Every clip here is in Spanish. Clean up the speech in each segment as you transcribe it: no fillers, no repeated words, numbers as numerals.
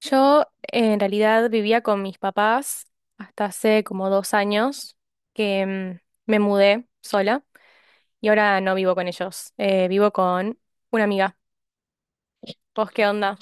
Yo en realidad vivía con mis papás hasta hace como dos años que me mudé sola y ahora no vivo con ellos, vivo con una amiga. ¿Vos qué onda?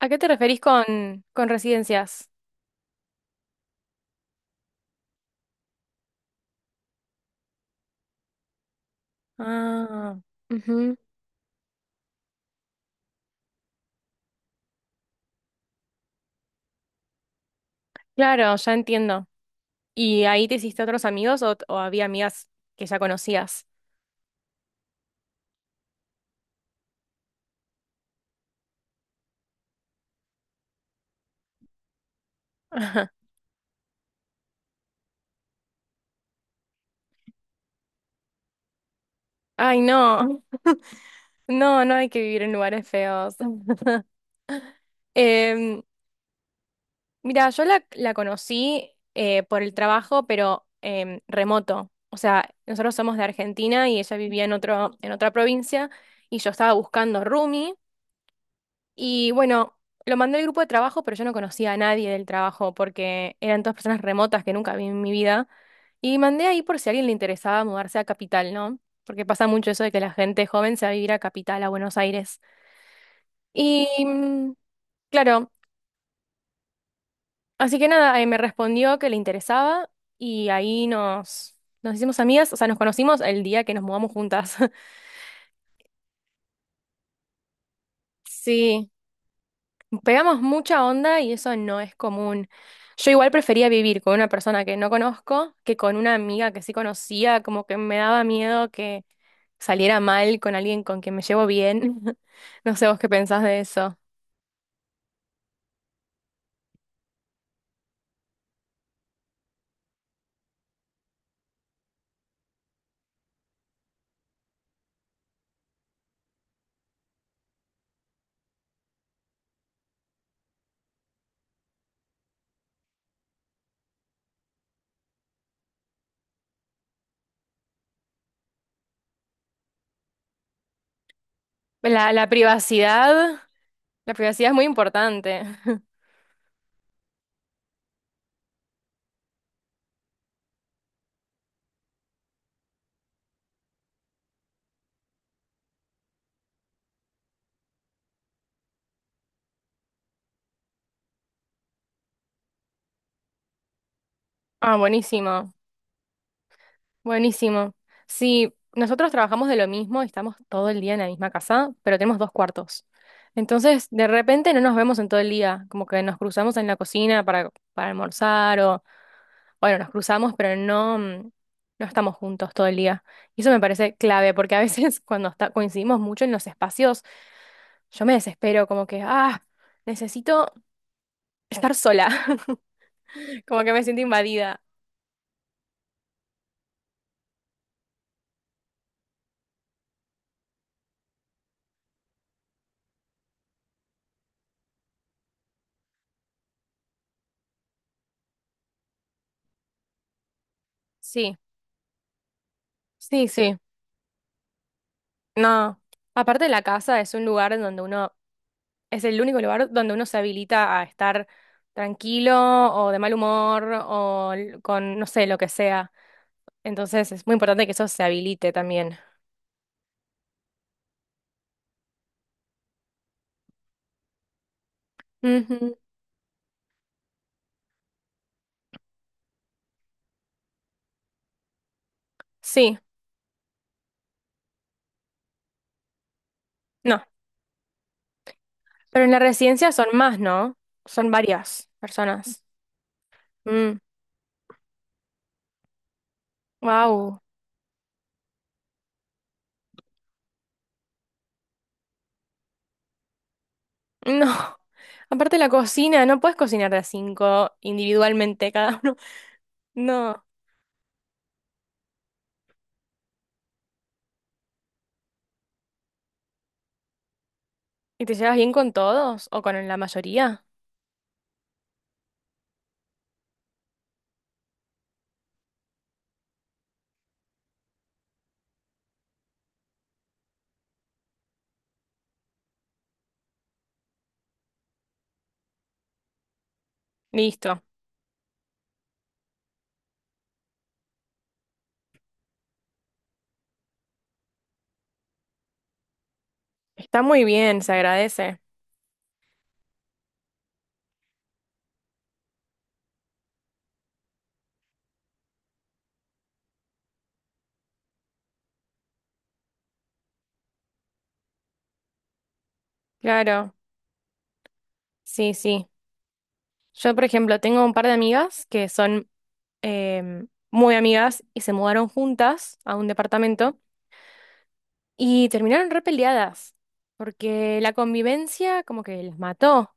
¿A qué te referís con residencias? Ah, ujú. Claro, ya entiendo. ¿Y ahí te hiciste otros amigos o había amigas que ya conocías? Ay, no, no, no hay que vivir en lugares feos. Em, Mira, yo la conocí por el trabajo, pero remoto. O sea, nosotros somos de Argentina y ella vivía en otro, en otra provincia y yo estaba buscando roomie. Y bueno, lo mandé al grupo de trabajo, pero yo no conocía a nadie del trabajo porque eran todas personas remotas que nunca vi en mi vida. Y mandé ahí por si a alguien le interesaba mudarse a Capital, ¿no? Porque pasa mucho eso de que la gente joven se va a vivir a Capital, a Buenos Aires. Y claro. Así que nada, me respondió que le interesaba y ahí nos hicimos amigas, o sea, nos conocimos el día que nos mudamos juntas. Sí, pegamos mucha onda y eso no es común. Yo igual prefería vivir con una persona que no conozco que con una amiga que sí conocía, como que me daba miedo que saliera mal con alguien con quien me llevo bien. No sé vos qué pensás de eso. La privacidad, la privacidad es muy importante. Ah, buenísimo. Buenísimo. Sí, nosotros trabajamos de lo mismo, estamos todo el día en la misma casa, pero tenemos dos cuartos. Entonces, de repente no nos vemos en todo el día, como que nos cruzamos en la cocina para almorzar o, bueno, nos cruzamos, pero no, no estamos juntos todo el día. Y eso me parece clave, porque a veces cuando coincidimos mucho en los espacios, yo me desespero, como que, ah, necesito estar sola, como que me siento invadida. Sí, sí, sí. No. Aparte la casa es un lugar en donde uno es el único lugar donde uno se habilita a estar tranquilo o de mal humor o con, no sé, lo que sea. Entonces es muy importante que eso se habilite también. Ujú. Sí, no. Pero en la residencia son más, ¿no? Son varias personas. Wow. No. Aparte la cocina, no puedes cocinar de a cinco individualmente cada uno. No. ¿Y te llevas bien con todos o con la mayoría? Listo. Está muy bien, se agradece. Claro. Sí, sí. Yo, por ejemplo, tengo un par de amigas que son muy amigas y se mudaron juntas a un departamento y terminaron repeleadas porque la convivencia como que les mató.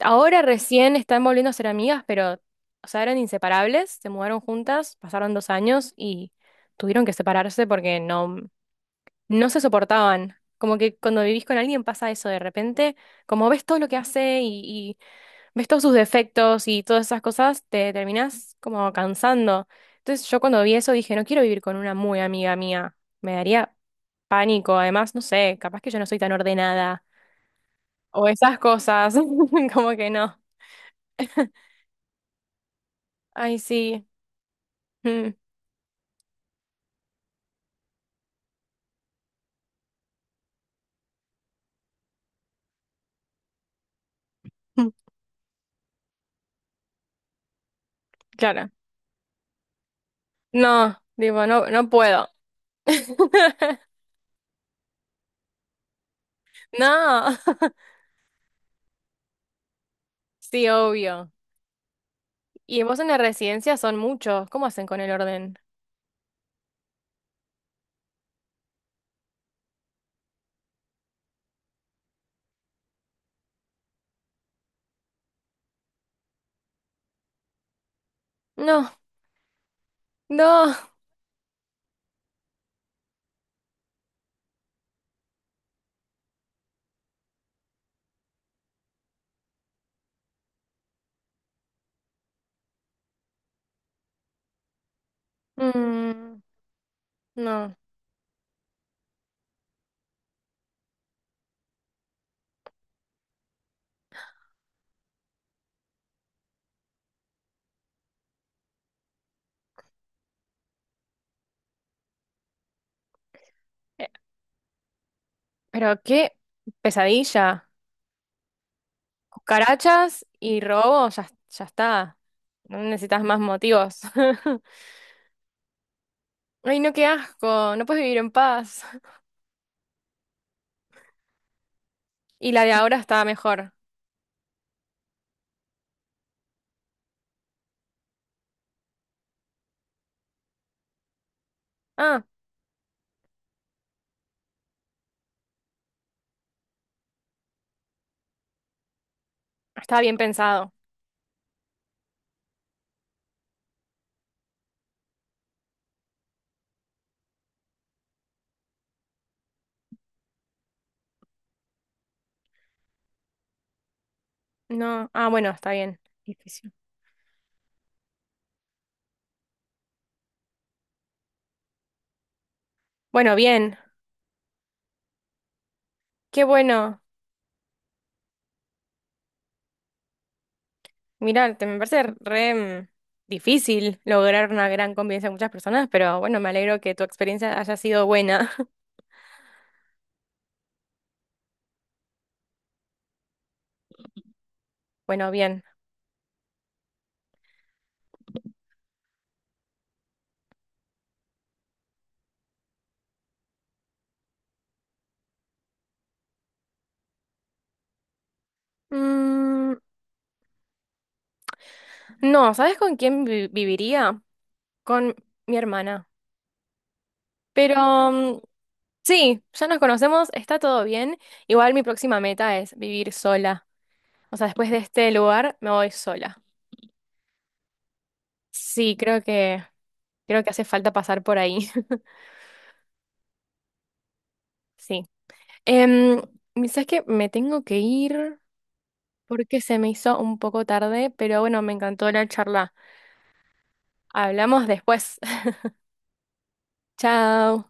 Ahora recién están volviendo a ser amigas, pero, o sea, eran inseparables, se mudaron juntas, pasaron dos años y tuvieron que separarse porque no, no se soportaban. Como que cuando vivís con alguien pasa eso de repente, como ves todo lo que hace y ves todos sus defectos y todas esas cosas, te terminás como cansando. Entonces yo cuando vi eso dije, no quiero vivir con una muy amiga mía, me daría pánico, además, no sé, capaz que yo no soy tan ordenada o esas cosas, como que no. Ay, sí, mm, mm, claro. No, digo, no, no puedo. No, sí, obvio. Y vos en la residencia son muchos, ¿cómo hacen con el orden? No, no. Mm, no. Pero qué pesadilla. Cucarachas y robo, ya, ya está. No necesitas más motivos. Ay, no, qué asco. No puedes vivir en paz. Y la de ahora estaba mejor. Ah, estaba bien pensado. No, ah, bueno, está bien. Difícil. Bueno, bien. Qué bueno. Mirá, te me parece re mm, difícil lograr una gran convivencia con muchas personas, pero bueno, me alegro que tu experiencia haya sido buena. Bueno, bien. Mm, no, ¿sabes con quién viviría? Con mi hermana. Pero mm, sí, ya nos conocemos, está todo bien. Igual mi próxima meta es vivir sola. O sea, después de este lugar me voy sola. Sí, creo que hace falta pasar por ahí. Sí. Em, ¿Sabes qué? Me tengo que ir porque se me hizo un poco tarde, pero bueno, me encantó la charla. Hablamos después. Chao.